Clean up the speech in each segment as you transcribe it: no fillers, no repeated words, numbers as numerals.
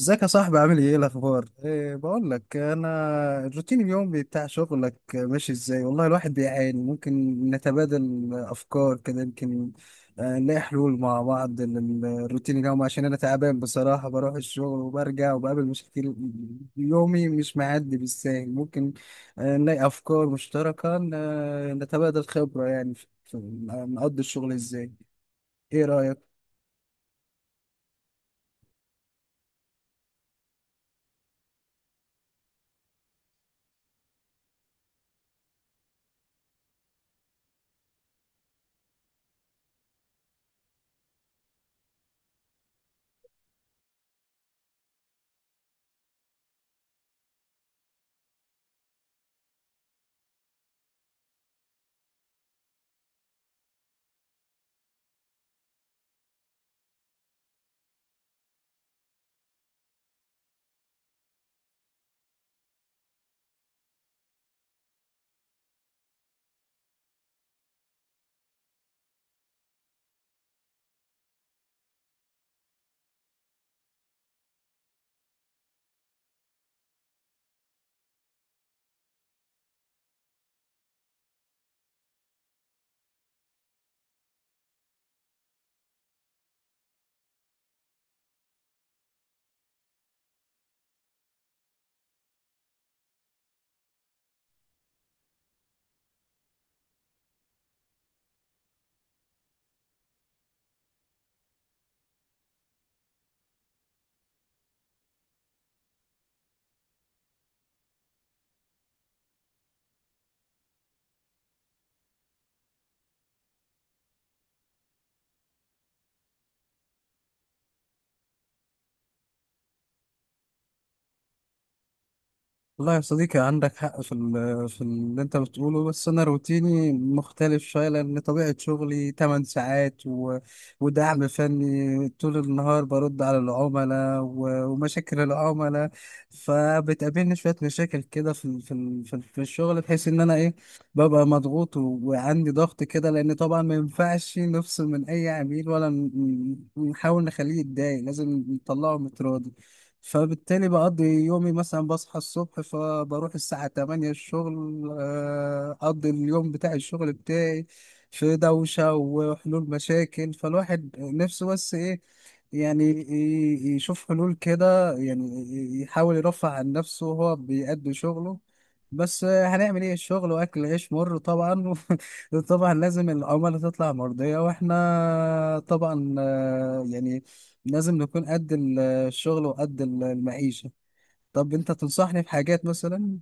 ازيك يا صاحبي؟ عامل ايه؟ ايه الاخبار؟ إيه بقول لك، انا الروتين اليومي بتاع شغلك ماشي ازاي؟ والله الواحد بيعاني. ممكن نتبادل افكار كده؟ يمكن نلاقي حلول مع بعض للروتين اليومي، عشان انا تعبان بصراحة. بروح الشغل وبرجع وبقابل مشاكل يومي مش معدي بالساهل. ممكن نلاقي افكار مشتركة، نتبادل خبرة، يعني نقضي الشغل ازاي. ايه رأيك؟ والله يا صديقي، عندك حق في في اللي انت بتقوله، بس انا روتيني مختلف شويه لان طبيعه شغلي 8 ساعات، ودعم فني طول النهار، برد على العملاء ومشاكل العملاء. فبتقابلني شويه مشاكل كده في في الشغل، بحيث ان انا ايه، ببقى مضغوط وعندي ضغط كده، لان طبعا ما ينفعش نفصل من اي عميل ولا نحاول نخليه يتضايق، لازم نطلعه متراضي. فبالتالي بقضي يومي مثلا بصحى الصبح، فبروح الساعة 8 الشغل، أقضي اليوم بتاع الشغل بتاعي في دوشة وحلول مشاكل. فالواحد نفسه، بس إيه، يعني يشوف حلول كده، يعني يحاول يرفع عن نفسه وهو بيأدي شغله. بس هنعمل ايه، الشغل واكل عيش مر طبعا. طبعا لازم العملاء تطلع مرضية، واحنا طبعا يعني لازم نكون قد الشغل وقد المعيشة. طب انت تنصحني بحاجات مثلا؟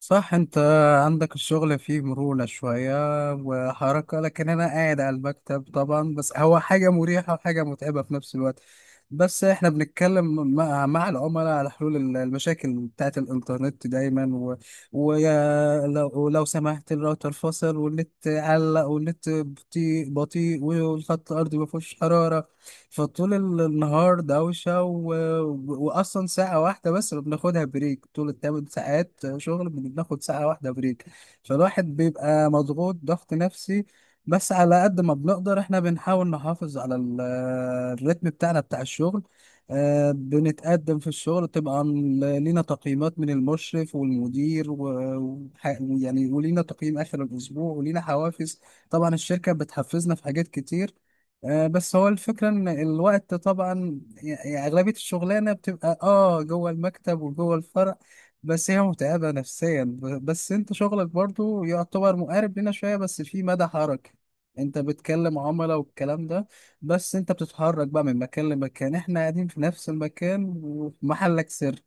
صح، انت عندك الشغل فيه مرونة شوية وحركة، لكن انا قاعد على المكتب طبعا. بس هو حاجة مريحة وحاجة متعبة في نفس الوقت. بس احنا بنتكلم مع العملاء على حلول المشاكل بتاعت الانترنت دايما، ولو سمحت الراوتر فصل، والنت علق، والنت بطيء بطيء، والخط الارضي ما فيهوش حرارة. فطول النهار دوشة وأصلا ساعة واحدة بس اللي بناخدها بريك، طول التمن ساعات شغل بناخد ساعة واحدة بريك. فالواحد بيبقى مضغوط ضغط نفسي. بس على قد ما بنقدر احنا بنحاول نحافظ على الريتم بتاعنا بتاع الشغل. بنتقدم في الشغل طبعا، لينا تقييمات من المشرف والمدير، ويعني ولينا تقييم آخر الأسبوع، ولينا حوافز طبعا، الشركة بتحفزنا في حاجات كتير. بس هو الفكرة ان الوقت طبعا، يعني اغلبية الشغلانة بتبقى جوه المكتب وجوه الفرع. بس هي متعبة نفسيا. بس انت شغلك برضو يعتبر مقارب لنا شوية، بس في مدى حركة، انت بتكلم عملاء والكلام ده، بس انت بتتحرك بقى من مكان لمكان، احنا قاعدين في نفس المكان وفي محلك سر.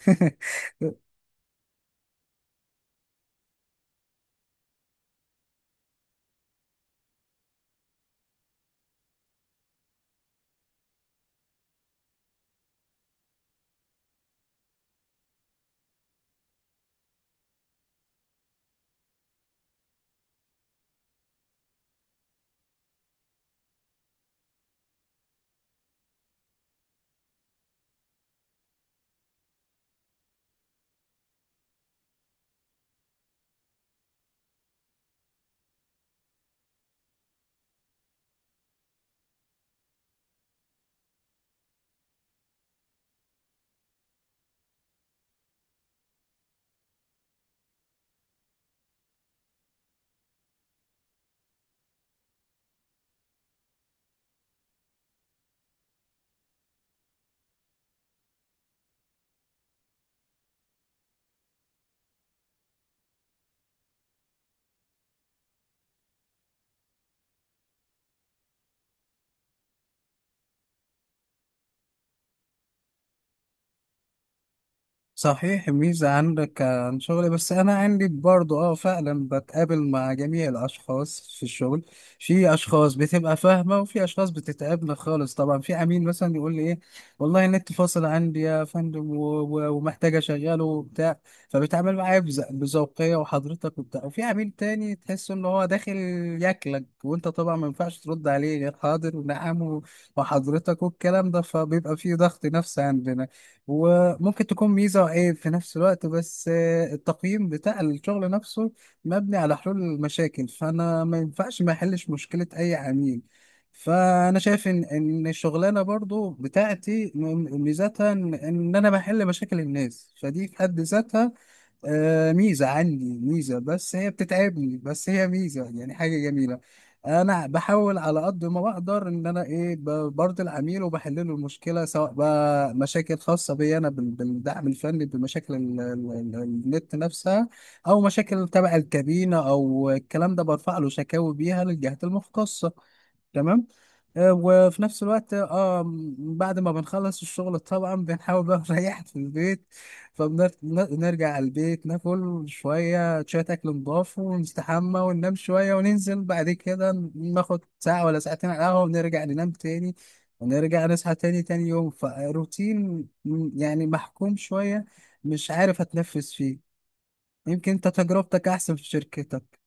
صحيح، ميزة عندك عن شغلي. بس أنا عندي برضو أه، فعلا بتقابل مع جميع الأشخاص في الشغل. في أشخاص بتبقى فاهمة، وفي أشخاص بتتعبنا خالص طبعا. في عميل مثلا يقول لي إيه، والله النت فاصل عندي يا فندم، ومحتاج أشغله وبتاع، فبيتعامل معايا بذوقية وحضرتك وبتاع. وفي عميل تاني تحس إن هو داخل ياكلك، وأنت طبعا ما ينفعش ترد عليه غير حاضر ونعم و- وحضرتك والكلام ده. فبيبقى فيه ضغط نفسي عندنا، وممكن تكون ميزة وعيب في نفس الوقت. بس التقييم بتاع الشغل نفسه مبني على حلول المشاكل، فأنا ما ينفعش ما أحلش مشكلة أي عميل. فأنا شايف إن الشغلانة برضو بتاعتي ميزتها إن أنا بحل مشاكل الناس، فدي في حد ذاتها آه ميزة عندي، ميزة بس هي بتتعبني، بس هي ميزة يعني حاجة جميلة. أنا بحاول على قد ما بقدر إن أنا إيه، برضي العميل وبحل له المشكلة، سواء بقى مشاكل خاصة بي أنا بالدعم الفني بمشاكل النت نفسها، أو مشاكل تبع الكابينة أو الكلام ده برفع له شكاوي بيها للجهات المختصة. تمام. وفي نفس الوقت بعد ما بنخلص الشغل طبعا بنحاول بقى نريح في البيت. فبنرجع على البيت، ناكل شوية شوية أكل نضاف، ونستحمى وننام شوية، وننزل بعد كده ناخد ساعة ولا ساعتين على القهوة، ونرجع ننام تاني، ونرجع نصحى تاني تاني يوم. فروتين يعني محكوم شوية، مش عارف أتنفس فيه. يمكن أنت تجربتك أحسن في شركتك.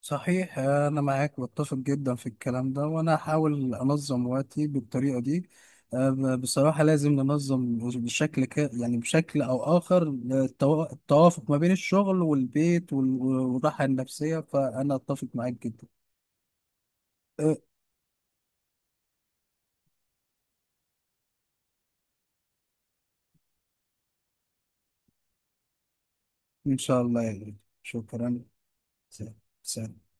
صحيح، أنا معاك واتفق جدا في الكلام ده، وأنا هحاول أنظم وقتي بالطريقة دي. بصراحة لازم ننظم بشكل يعني بشكل أو آخر التوافق ما بين الشغل والبيت والراحة النفسية، فأنا أتفق معاك جدا. أه، إن شاء الله يا غالي. شكرا. سلام. سلام.